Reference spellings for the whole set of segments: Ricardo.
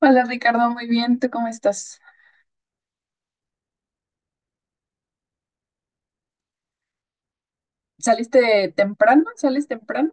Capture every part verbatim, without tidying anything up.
Hola Ricardo, muy bien, ¿tú cómo estás? ¿Saliste temprano? ¿Sales temprano?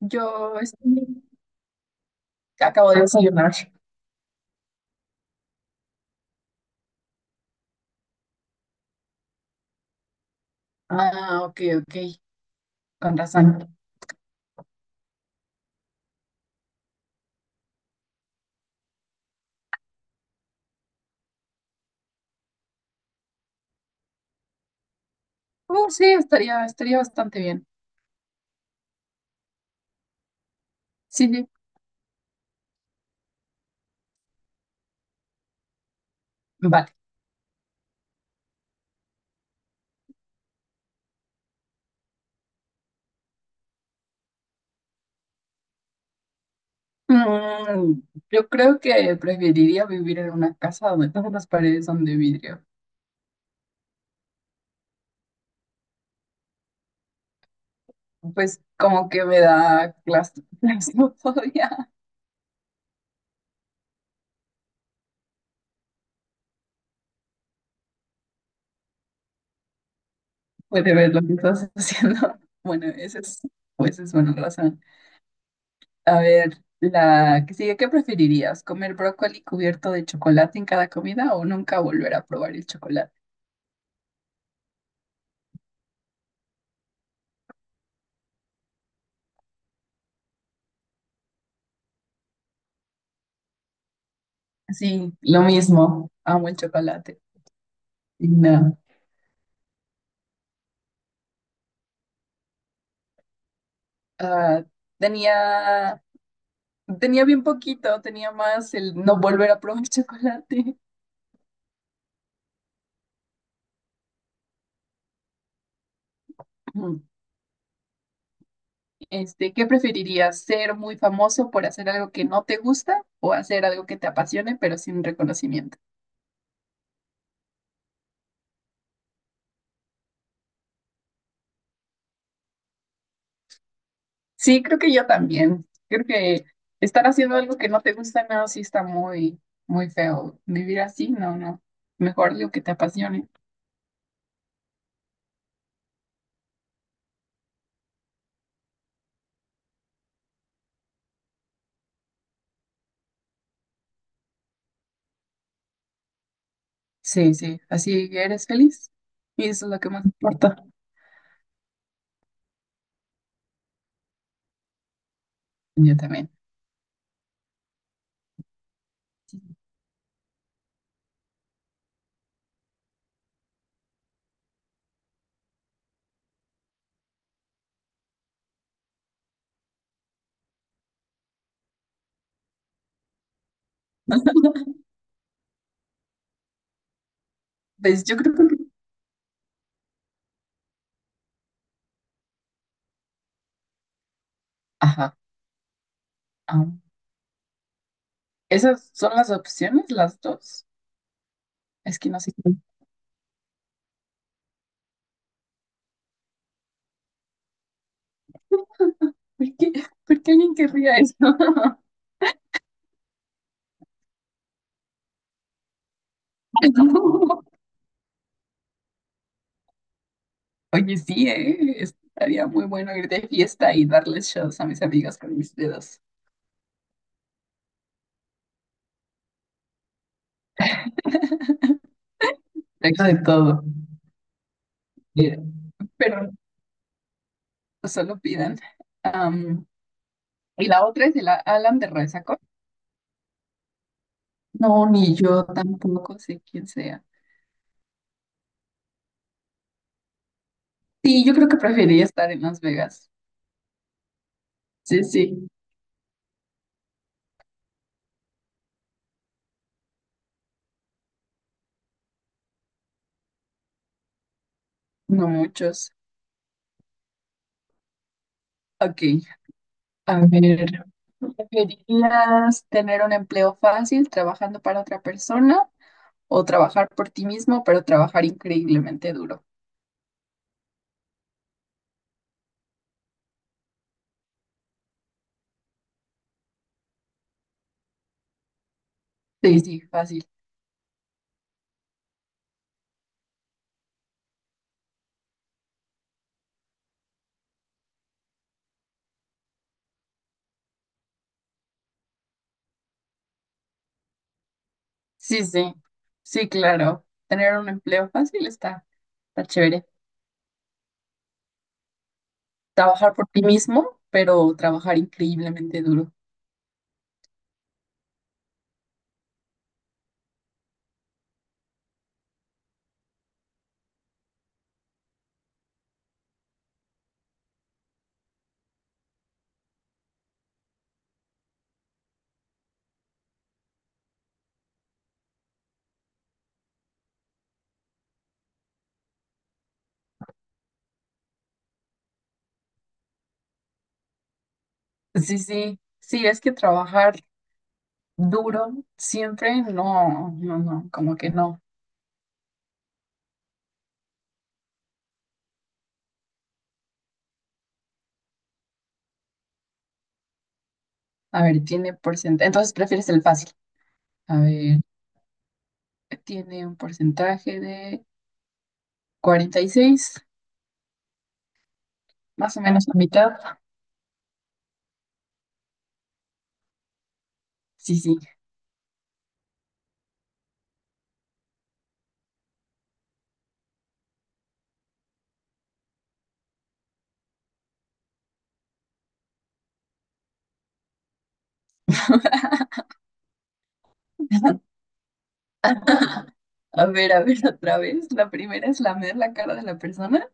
Yo estoy- Acabo de desayunar. Ah, ok, ok, con razón. Oh, sí, estaría, estaría bastante bien. Sí, sí, vale. Mm, yo creo que preferiría vivir en una casa donde todas las paredes son de vidrio. Pues como que me da clas- claustrofobia. Puede ver lo que estás haciendo. Bueno, esa es, pues es una razón. A ver, la que sigue, ¿qué preferirías? ¿Comer brócoli cubierto de chocolate en cada comida o nunca volver a probar el chocolate? Sí, lo mismo. Amo el chocolate. Y no. Ah, tenía, tenía bien poquito, tenía más el no volver a probar chocolate. Ujú. Este, ¿qué preferirías? ¿Ser muy famoso por hacer algo que no te gusta o hacer algo que te apasione pero sin reconocimiento? Sí, creo que yo también. Creo que estar haciendo algo que no te gusta nada sí está muy, muy feo. Vivir así, no, no. Mejor lo que te apasione. Sí, sí, así eres feliz. Y eso es lo que más importa. Yo también. Pues yo creo que… Ajá. am, esas son las opciones, las dos. Es que no sé. qué- ¿Por qué, por qué alguien querría eso? Oye, sí, ¿eh? Estaría muy bueno ir de fiesta y darles shows a mis amigas con mis dedos. Tengo de todo, pero no, solo pidan. Am, y la otra es el A- Alan de Resaco. No, ni yo tampoco sé quién sea. Sí, yo creo que preferiría estar en Las Vegas. Sí, sí, no muchos. Ok, a ver. ¿Preferirías tener un empleo fácil trabajando para otra persona o trabajar por ti mismo, pero trabajar increíblemente duro? Sí, sí, fácil. Sí, sí, sí, claro. Tener un empleo fácil está, está chévere. Trabajar por ti mismo, pero trabajar increíblemente duro. Sí, sí, sí, es que trabajar duro siempre, no, no, no, como que no. A ver, tiene porcentaje, entonces prefieres el fácil. A ver, tiene un porcentaje de cuarenta y seis, más o menos la mitad. Sí, sí. A ver, a ver, otra vez. La primera es lamer la cara de la persona.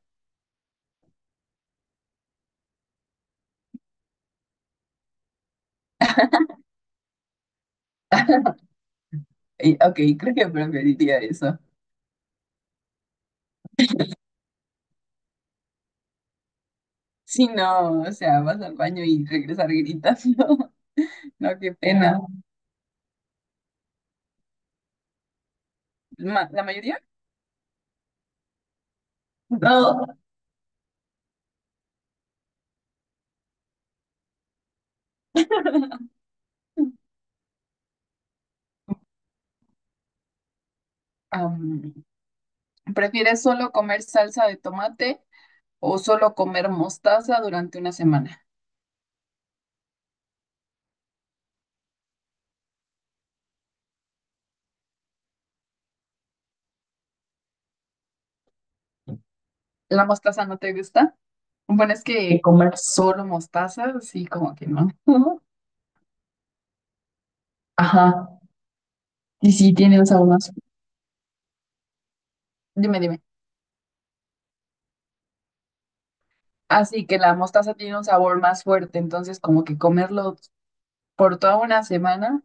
Y, ok, creo que preferiría eso. Si no, o sea, vas al baño y regresar gritando. No, qué pena, ma- la mayoría. No. Am, ¿Prefieres solo comer salsa de tomate o solo comer mostaza durante una semana? ¿La mostaza no te gusta? Bueno, es que comer solo mostaza, sí, como que no. Ajá. Y sí, tiene un sabor más. Dime, dime. Así que la mostaza tiene un sabor más fuerte, entonces como que comerlo por toda una semana,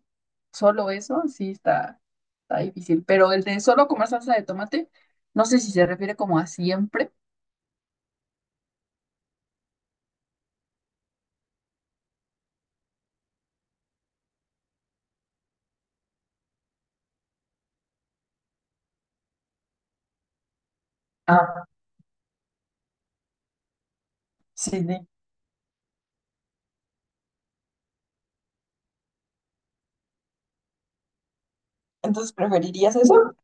solo eso, sí está, está difícil. Pero el de solo comer salsa de tomate, no sé si se refiere como a siempre. Sí, sí. Entonces, ¿preferirías eso?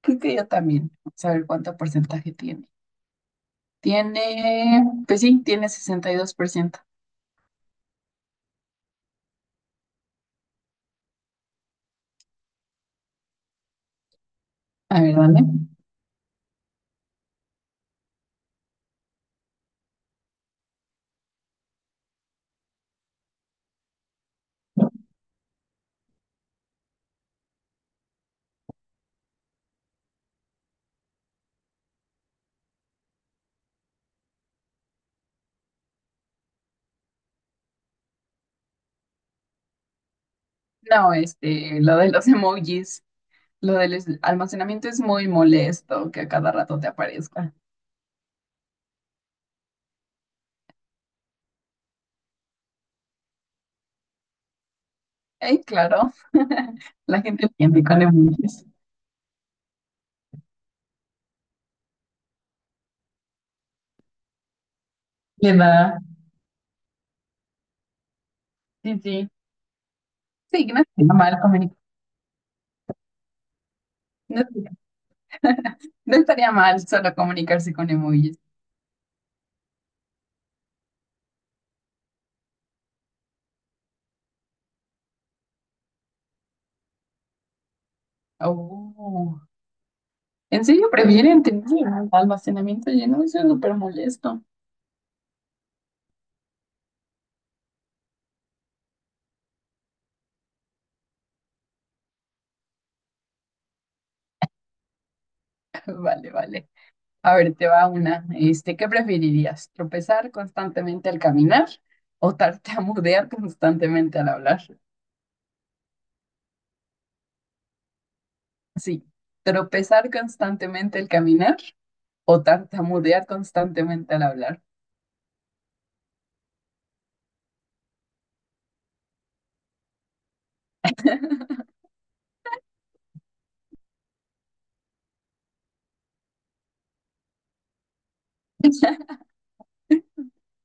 Creo que yo también. Saber cuánto porcentaje tiene. Tiene, pues sí, tiene sesenta y dos por ciento. A ver, dale. No, este, lo de los emojis, lo del es- almacenamiento es muy molesto que a cada rato te aparezca. Eh, claro, la gente entiende con emojis. Le da, sí, sí. Sí, no estaría mal comunicar. No, no estaría mal solo comunicarse con emojis. Oh. ¿En serio prefieren tener el almacenamiento lleno? Eso es súper molesto. Vale, vale. A ver, te va una. Este, ¿qué preferirías? ¿Tropezar constantemente al caminar o tartamudear constantemente al hablar? Sí, tropezar constantemente al caminar o tartamudear constantemente al hablar.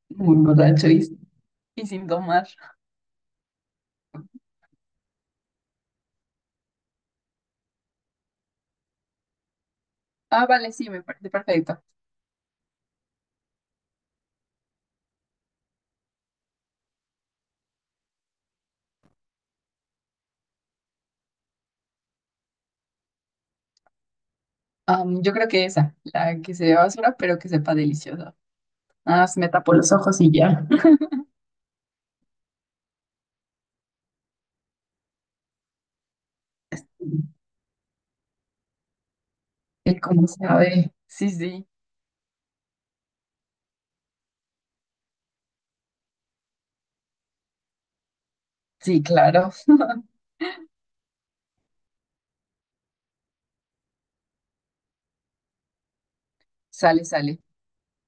Muy borracho y, y, sin tomar. Ah, vale, sí, me parece perfecto. Am, yo creo que esa, la que se vea basura, pero que sepa deliciosa. Ah, me tapo los ojos y ya. Que cómo sabe. Sí, sí, sí, claro. Sale, sale.